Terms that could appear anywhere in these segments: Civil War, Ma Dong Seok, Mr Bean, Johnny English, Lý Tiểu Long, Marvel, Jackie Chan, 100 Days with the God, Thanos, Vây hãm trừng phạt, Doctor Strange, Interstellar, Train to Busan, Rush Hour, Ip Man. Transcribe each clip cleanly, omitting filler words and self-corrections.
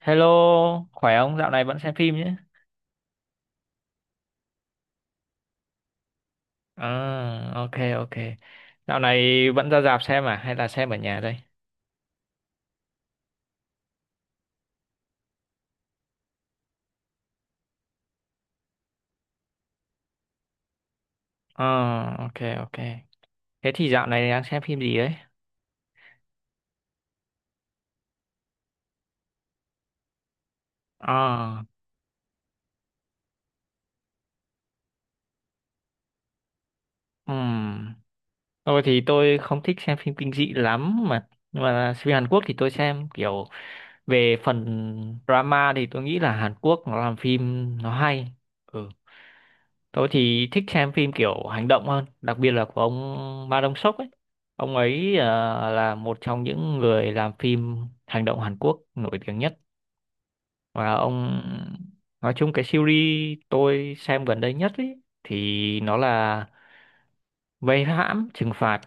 Hello, khỏe không? Dạo này vẫn xem phim nhé. À, ok, ok. Dạo này vẫn ra rạp xem à? Hay là xem ở nhà đây? À, ok, ok. Thế thì dạo này đang xem phim gì đấy? À, ừm. Tôi thì tôi không thích xem phim kinh dị lắm mà. Nhưng mà phim Hàn Quốc thì tôi xem kiểu về phần drama thì tôi nghĩ là Hàn Quốc nó làm phim nó hay. Ừ. Tôi thì thích xem phim kiểu hành động hơn, đặc biệt là của ông Ma Dong Seok ấy. Ông ấy là một trong những người làm phim hành động Hàn Quốc nổi tiếng nhất. Và ông nói chung cái series tôi xem gần đây nhất ấy thì nó là Vây hãm trừng phạt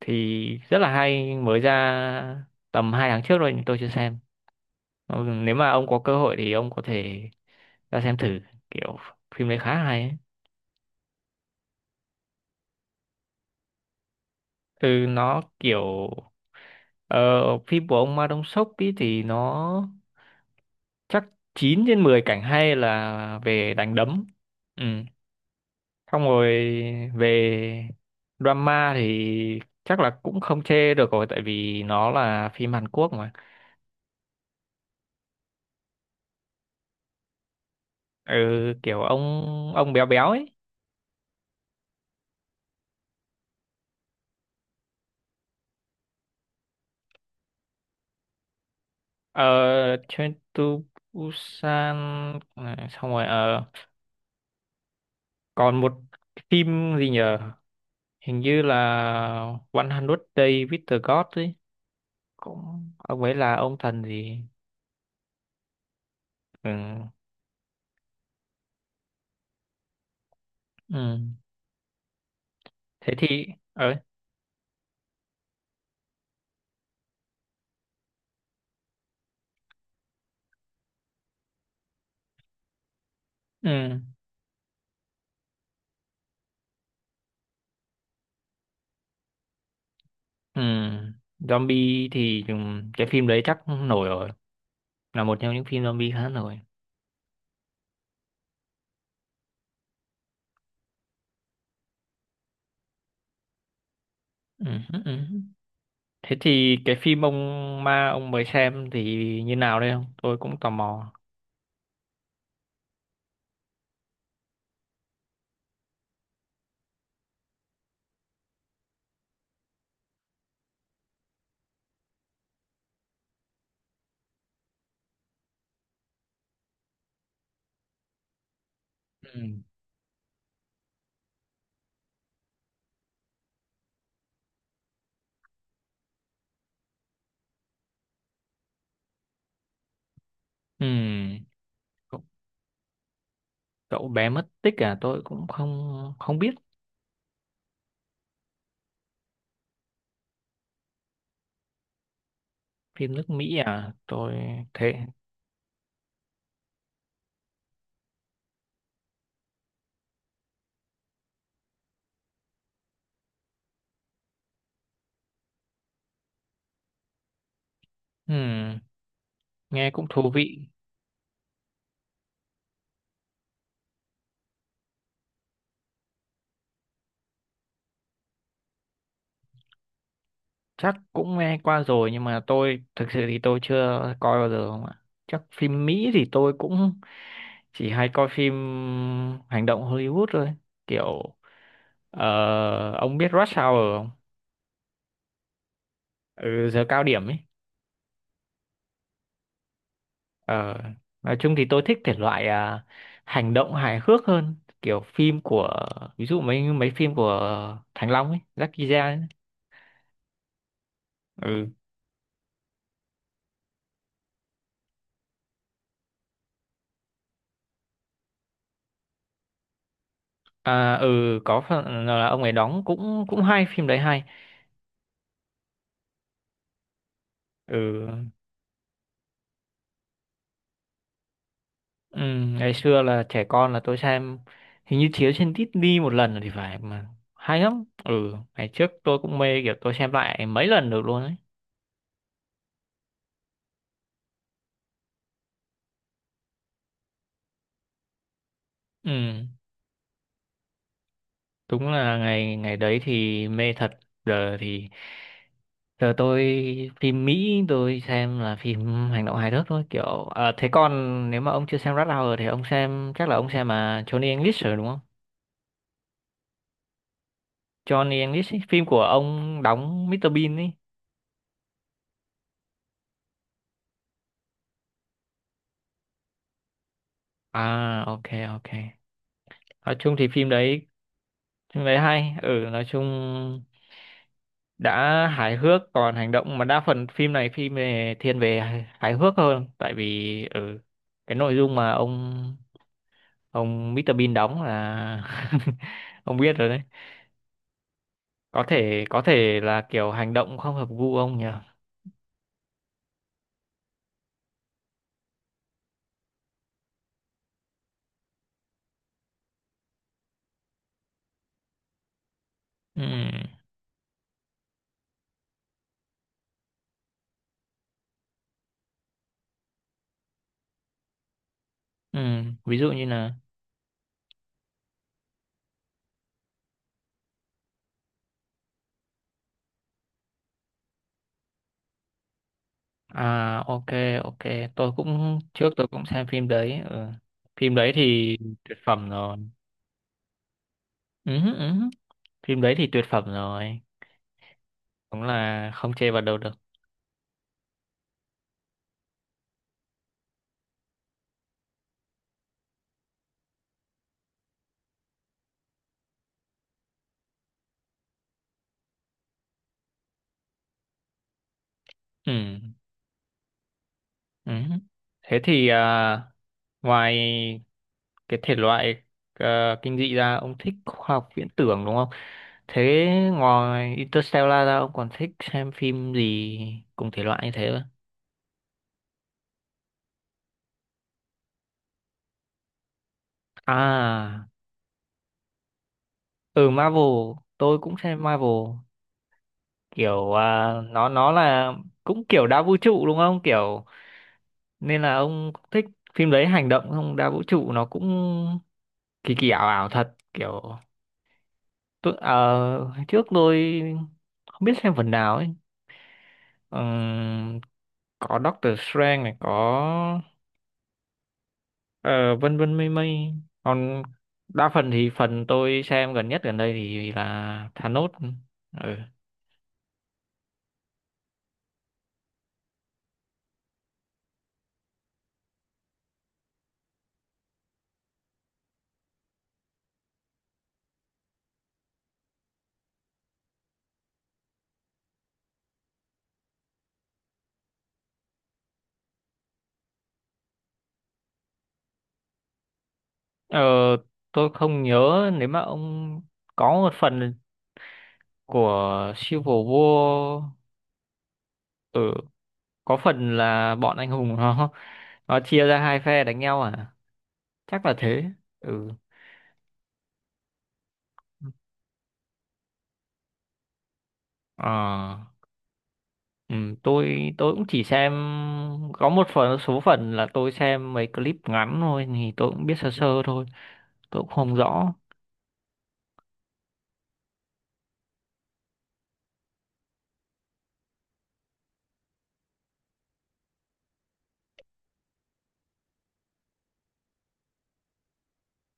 thì rất là hay, mới ra tầm hai tháng trước rồi nhưng tôi chưa xem. Ừ, nếu mà ông có cơ hội thì ông có thể ra xem thử, kiểu phim đấy khá hay ấy. Ừ, nó kiểu Ờ, phim của ông Ma Đông Sốc ý thì nó chắc 9 trên 10 cảnh hay là về đánh đấm. Ừ. Xong rồi về drama thì chắc là cũng không chê được rồi, tại vì nó là phim Hàn Quốc mà. Ừ, kiểu ông béo béo ấy. Ờ, Train to Busan. À, xong rồi còn một phim gì nhờ? Hình như là 100 Days with the God ấy, cũng ông ấy là ông thần gì. Ừ, ừ, thế thì ấy, ừ, ừ. Zombie thì cái phim đấy chắc nổi rồi, là một trong những phim zombie khá nổi. Ừ. Ừ. Ừ. Thế thì cái phim ông ma ông mới xem thì như nào đây, không tôi cũng tò mò. Ừ, ừ, cậu, cậu bé mất tích à, tôi cũng không không biết. Phim nước Mỹ à, tôi thế, ừ, nghe cũng thú vị. Chắc cũng nghe qua rồi nhưng mà tôi thực sự thì tôi chưa coi bao giờ không ạ. Chắc phim Mỹ thì tôi cũng chỉ hay coi phim hành động Hollywood thôi, kiểu ông biết Rush Hour không? Ừ, giờ cao điểm ấy. Ờ, nói chung thì tôi thích thể loại hành động hài hước hơn, kiểu phim của, ví dụ mấy mấy phim của Thành Long ấy, Jackie Chan ấy. Ừ. À, ừ, có phần là ông ấy đóng cũng cũng hay, phim đấy hay. Ừ. Ừ, ngày xưa là trẻ con là tôi xem, hình như chiếu trên Disney một lần rồi thì phải mà hay lắm. Ừ, ngày trước tôi cũng mê, kiểu tôi xem lại mấy lần được luôn ấy. Ừ, đúng là ngày ngày đấy thì mê thật. Giờ thì giờ tôi, phim Mỹ tôi xem là phim hành động hài hước thôi, kiểu thế còn nếu mà ông chưa xem Rush Hour thì ông xem chắc là ông xem mà Johnny English rồi đúng không? Johnny English ấy, phim của ông đóng Mr Bean ấy. À, ok, ok. Nói chung thì phim đấy hay, ừ, nói chung đã hài hước còn hành động, mà đa phần phim này phim về thiên về hài hài hước hơn, tại vì ừ cái nội dung mà ông Mr Bean đóng là ông biết rồi đấy. Có thể là kiểu hành động không hợp gu ông nhỉ. Ừ, ừ, ví dụ như là. À, ok, ok, tôi cũng trước tôi cũng xem phim đấy, ừ. Phim đấy thì tuyệt phẩm rồi. Ừ, ừ. Phim đấy thì tuyệt phẩm rồi. Đúng là không chê vào đâu được. Ừ. Ừ. Thế thì ngoài cái thể loại kinh dị ra ông thích khoa học viễn tưởng đúng không? Thế ngoài Interstellar ra ông còn thích xem phim gì cùng thể loại như thế không? À, ừ Marvel, tôi cũng xem Marvel kiểu nó là cũng kiểu đa vũ trụ đúng không? Kiểu nên là ông thích phim đấy hành động không? Đa vũ trụ nó cũng kỳ kỳ ảo ảo thật kiểu. Tôi, hồi trước tôi không biết xem phần nào ấy. Ừm, có Doctor Strange này, có ờ, vân vân mây mây. Còn đa phần thì phần tôi xem gần nhất gần đây thì là Thanos. Ừ. Ờ, tôi không nhớ, nếu mà ông có một phần của Civil War, ừ, có phần là bọn anh hùng nó chia ra hai phe đánh nhau à? Chắc là thế. Ừ. Ờ. Ừ, tôi cũng chỉ xem có một phần số phần, là tôi xem mấy clip ngắn thôi thì tôi cũng biết sơ sơ thôi, tôi cũng không rõ.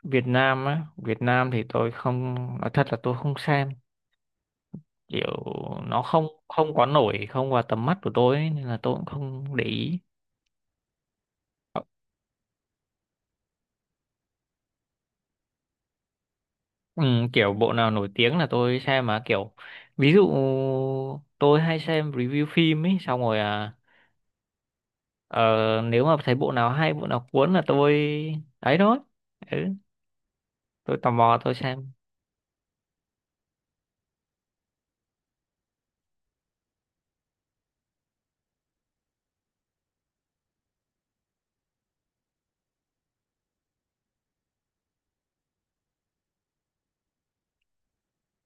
Việt Nam á, Việt Nam thì tôi không, nói thật là tôi không xem, kiểu nó không không quá nổi, không vào tầm mắt của tôi ấy, nên là tôi cũng không để ý. Ừ, kiểu bộ nào nổi tiếng là tôi xem mà, kiểu ví dụ tôi hay xem review phim ấy xong rồi à ờ, nếu mà thấy bộ nào hay bộ nào cuốn là tôi ấy thôi, ừ, tôi tò mò tôi xem.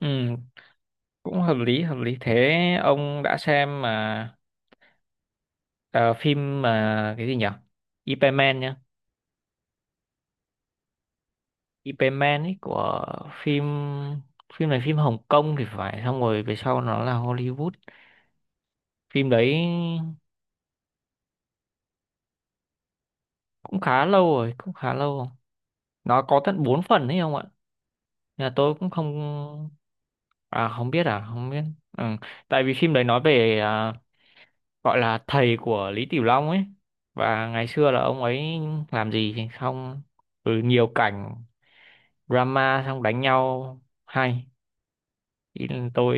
Ừ, cũng hợp lý thế. Ông đã xem mà ờ, phim mà cái gì nhỉ, Ip Man nhá. Ip Man ấy của phim phim này phim Hồng Kông thì phải, xong rồi về sau nó là Hollywood phim đấy. Cũng khá lâu rồi, cũng khá lâu rồi. Nó có tận 4 phần ấy không ạ, nhà tôi cũng không. À, không biết, à, không biết. Ừ. Tại vì phim đấy nói về gọi là thầy của Lý Tiểu Long ấy, và ngày xưa là ông ấy làm gì thì xong, ừ, nhiều cảnh drama xong đánh nhau hay. Ý là tôi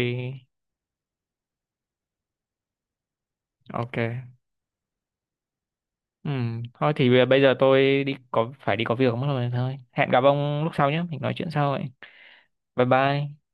ok. Ừ. Thôi thì bây bây giờ tôi đi, có phải đi có việc mất rồi, thôi hẹn gặp ông lúc sau nhé, mình nói chuyện sau vậy. Bye bye.